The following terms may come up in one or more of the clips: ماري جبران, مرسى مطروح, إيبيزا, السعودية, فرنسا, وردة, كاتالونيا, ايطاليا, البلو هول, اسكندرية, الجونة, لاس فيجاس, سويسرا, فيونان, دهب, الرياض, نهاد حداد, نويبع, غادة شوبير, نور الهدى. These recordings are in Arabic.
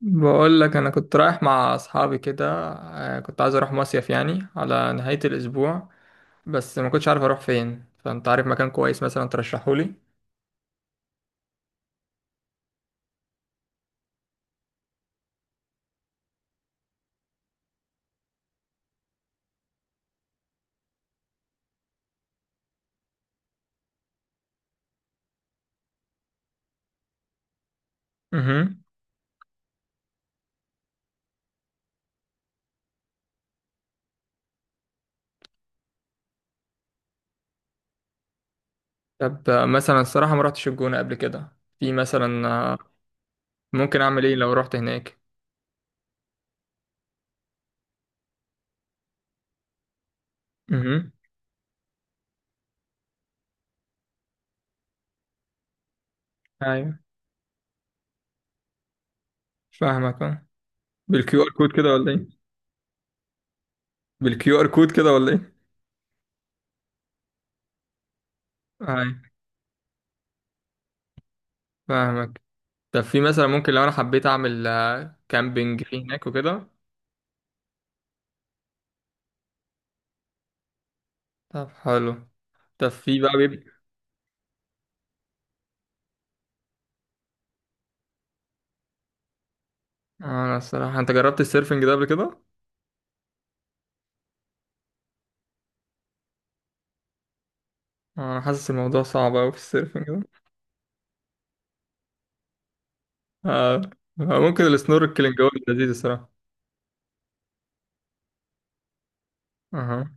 بقول لك انا كنت رايح مع اصحابي كده. كنت عايز اروح مصيف يعني على نهاية الاسبوع. بس ما كنتش عارف اروح فين، فانت عارف مكان كويس مثلا ترشحه لي؟ امم. طب مثلا الصراحة ما رحتش الجونة قبل كده، في مثلا ممكن اعمل ايه لو رحت هناك؟ امم. ايوه، فاهمك آه. بالكيو ار كود كده ولا ايه؟ بالكيو ار كود كده ولا ايه؟ ايوه، فاهمك. طب في مثلا، ممكن لو انا حبيت اعمل كامبينج في هناك وكده؟ طب حلو. طب في بقى بيبقى. انا الصراحه، انت جربت السيرفنج ده قبل كده؟ انا حاسس الموضوع صعب قوي في السيرفنج ده. آه. ممكن السنوركلينج هو اللي لذيذ الصراحه. اها.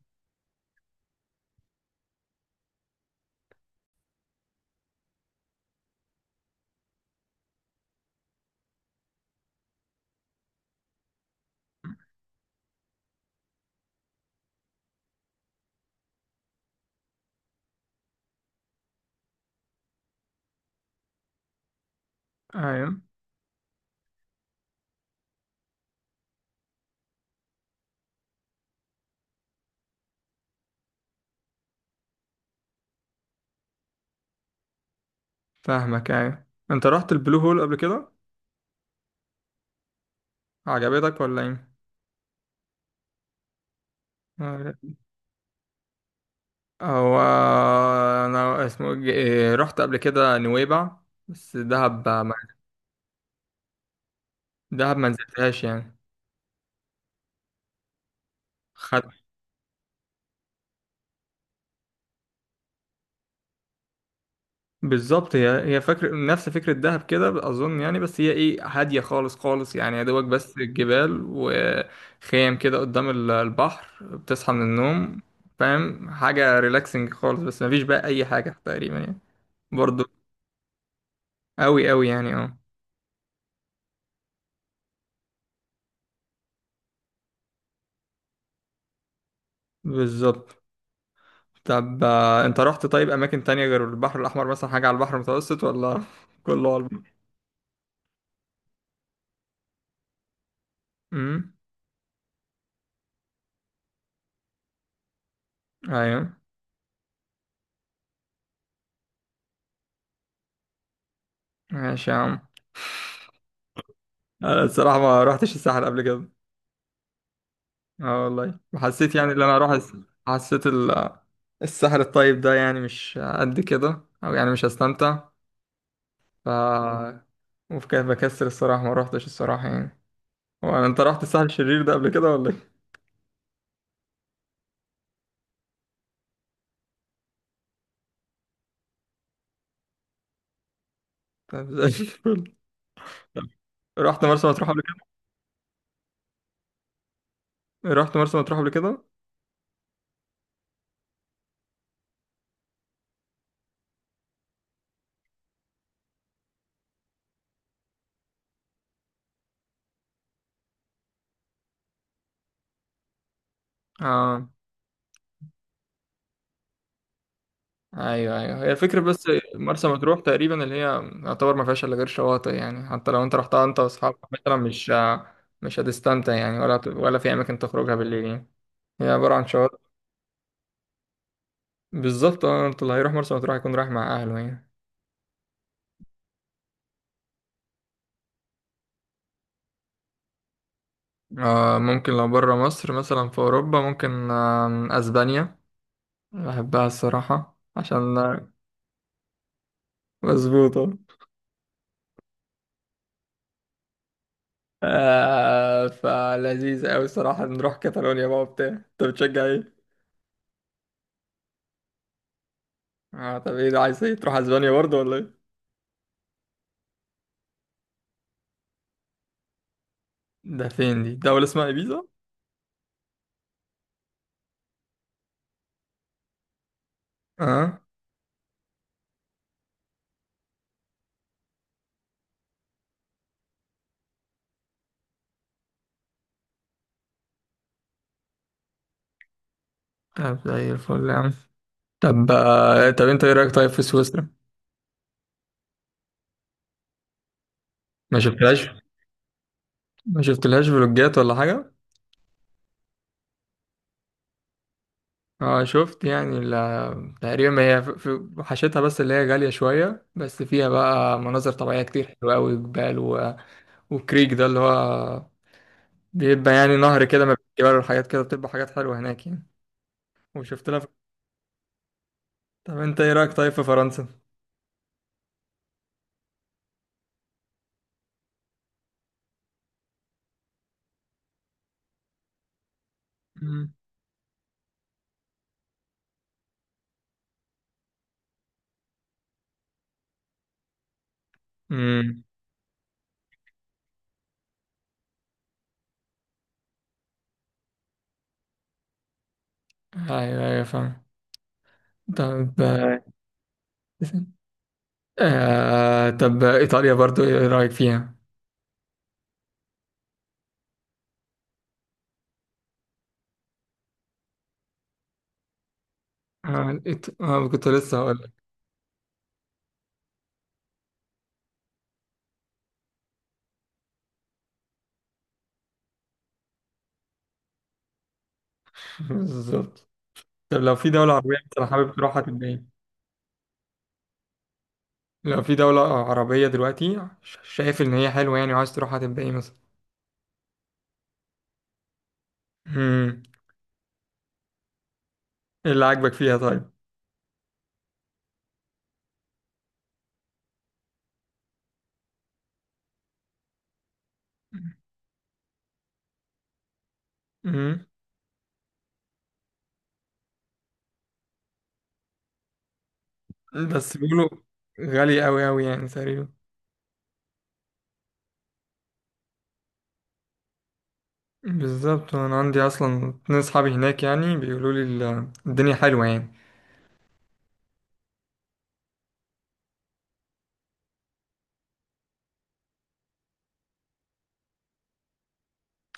ايوه، فاهمك. ايوه، انت رحت البلو هول قبل كده؟ عجبتك ولا ايه؟ آه، هو انا اسمه إيه، رحت قبل كده نويبع. بس دهب ما. دهب ما نزلتهاش يعني. بالظبط، هي فكر نفس فكرة دهب كده أظن يعني، بس هي إيه، هادية خالص خالص يعني، يا دوبك بس الجبال وخيام كده قدام البحر، بتصحى من النوم. فاهم، حاجة ريلاكسنج خالص، بس مفيش بقى أي حاجة تقريبا يعني. برضو. أوي أوي يعني، أه. بالظبط. طب أنت رحت طيب أماكن تانية غير البحر الأحمر، مثلا حاجة على البحر المتوسط، ولا كله على البحر؟ أمم. أيوه. ماشي يا عم. أنا الصراحة ما رحتش الساحل قبل كده. اه، والله، وحسيت يعني ان انا اروح حسيت السحر الطيب ده يعني مش قد كده، او يعني مش هستمتع. ف بكسر الصراحة ما روحتش الصراحة يعني. هو انت رحت السحر الشرير ده قبل كده ولا ايه؟ طب زي الفل. طب، رحت مرسى مطروح قبل كده؟ رحت مرسى مطروح قبل كده؟ اه. ايوه، ايوه، هي الفكرة بس. مرسى مطروح تقريبا اللي هي يعتبر ما فيهاش الا غير شواطئ يعني، حتى لو انت رحتها انت واصحابك مثلا، مش مش هتستمتع يعني، ولا في اماكن تخرجها بالليل يعني. هي عبارة عن شواطئ. بالظبط، اه، انت اللي هيروح مرسى مطروح هيكون رايح مع أهله يعني. آه، ممكن لو برا مصر، مثلا في أوروبا، ممكن أسبانيا. بحبها الصراحة، عشان مظبوطة. فلذيذ أوي الصراحة، نروح كاتالونيا بقى وبتاع، أنت بتشجع إيه؟ طب إيه ده، عايز إيه تروح أسبانيا برضه ولا إيه؟ ده فين دي؟ دولة اسمها إيبيزا؟ اه. طب زي الفل يا عم. طب طب أنت إيه رأيك طيب في سويسرا؟ ما شفتلهاش. ما شفتلهاش فلوجات ولا حاجة؟ اه، شفت يعني، تقريبا هي في، في حشتها بس اللي هي غالية شوية، بس فيها بقى مناظر طبيعية كتير حلوة أوي، جبال و... وكريك ده اللي هو بيبقى يعني نهر كده ما بين الجبال، والحاجات كده بتبقى حاجات حلوة هناك يعني. وشفت لها في... طب انت ايه رأيك طيب في فرنسا؟ مم. امم. ايوه، ايوه، فاهم. طب طب ايطاليا برضو ايه رأيك فيها؟ اه, كنت لسه هقول لك. بالظبط. طب لو في دولة عربية انت حابب تروحها تبقى ايه؟ لو في دولة عربية دلوقتي، شايف إن هي حلوة يعني، وعايز تروح هتبقى إيه مثلا؟ مم. إيه اللي عاجبك فيها طيب؟ مم. بس بيقولوا غالية أوي أوي يعني تقريبا. بالظبط، أنا عندي أصلا اتنين صحابي هناك، يعني بيقولوا لي الدنيا حلوة يعني.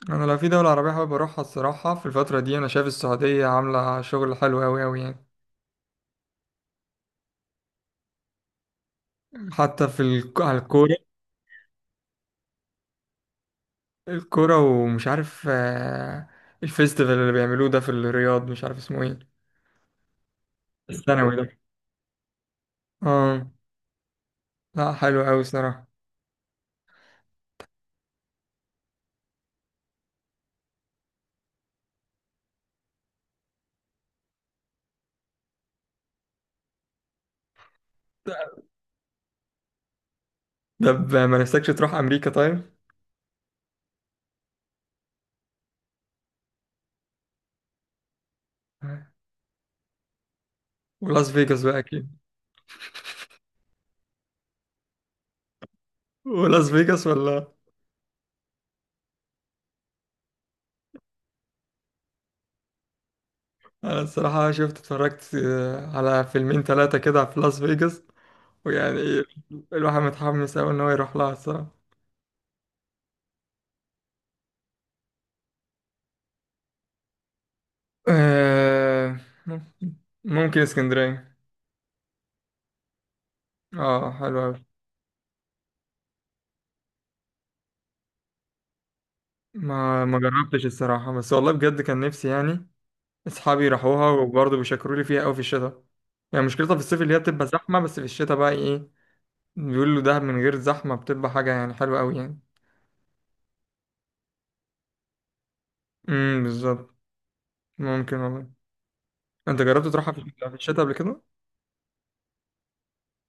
أنا لو في دولة عربية حابب أروحها الصراحة، في الفترة دي أنا شايف السعودية عاملة شغل حلو أوي أوي يعني. حتى في على الكورة، الكورة، ومش عارف الفيستيفال اللي بيعملوه ده في الرياض مش عارف اسمه إيه. الثانوي ده. اه. لا، حلو قوي صراحة. طب ما نفسكش تروح امريكا طيب؟ ولاس فيجاس بقى اكيد. ولاس فيجاس ولا. انا الصراحة شفت، اتفرجت على فيلمين ثلاثة كده في لاس فيجاس، ويعني الواحد متحمس قوي ان هو يروح لها الصراحة. آه، ممكن اسكندرية. اه، حلو أوي. ما جربتش الصراحة، بس والله بجد كان نفسي يعني. اصحابي راحوها وبرضه بيشكروا لي فيها قوي في الشتاء. يعني مشكلتها في الصيف اللي هي بتبقى زحمة، بس في الشتاء بقى ايه، بيقول له دهب من غير زحمة، بتبقى حاجة يعني حلوة أوي يعني. امم، بالظبط. ممكن والله. أنت جربت تروحها في الشتاء قبل كده؟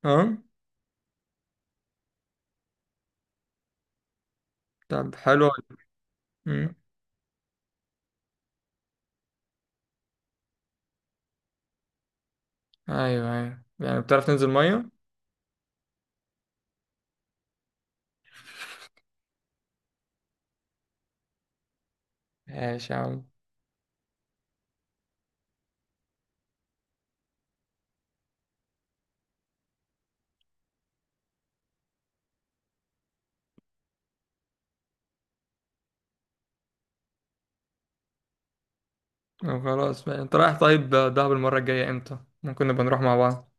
أه. طب حلوة. امم. أيوه، أيوه، يعني بتعرف تنزل مية؟ ماشي يا عم. طب خلاص بقى، أنت رايح طيب دهب المرة الجاية إمتى؟ ممكن نبقى نروح مع بعض.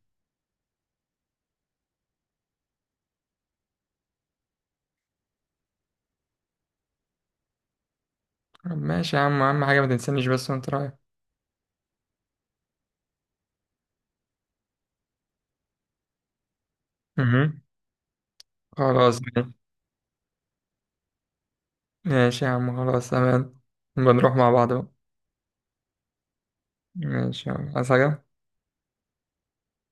طب ماشي يا عم، أهم حاجة ما تنسانيش بس وأنت رايح. امم. خلاص ماشي. ماشي يا عم، خلاص تمام. نبقى نروح مع بعض بقى. ماشي يا عم، عايز حاجة؟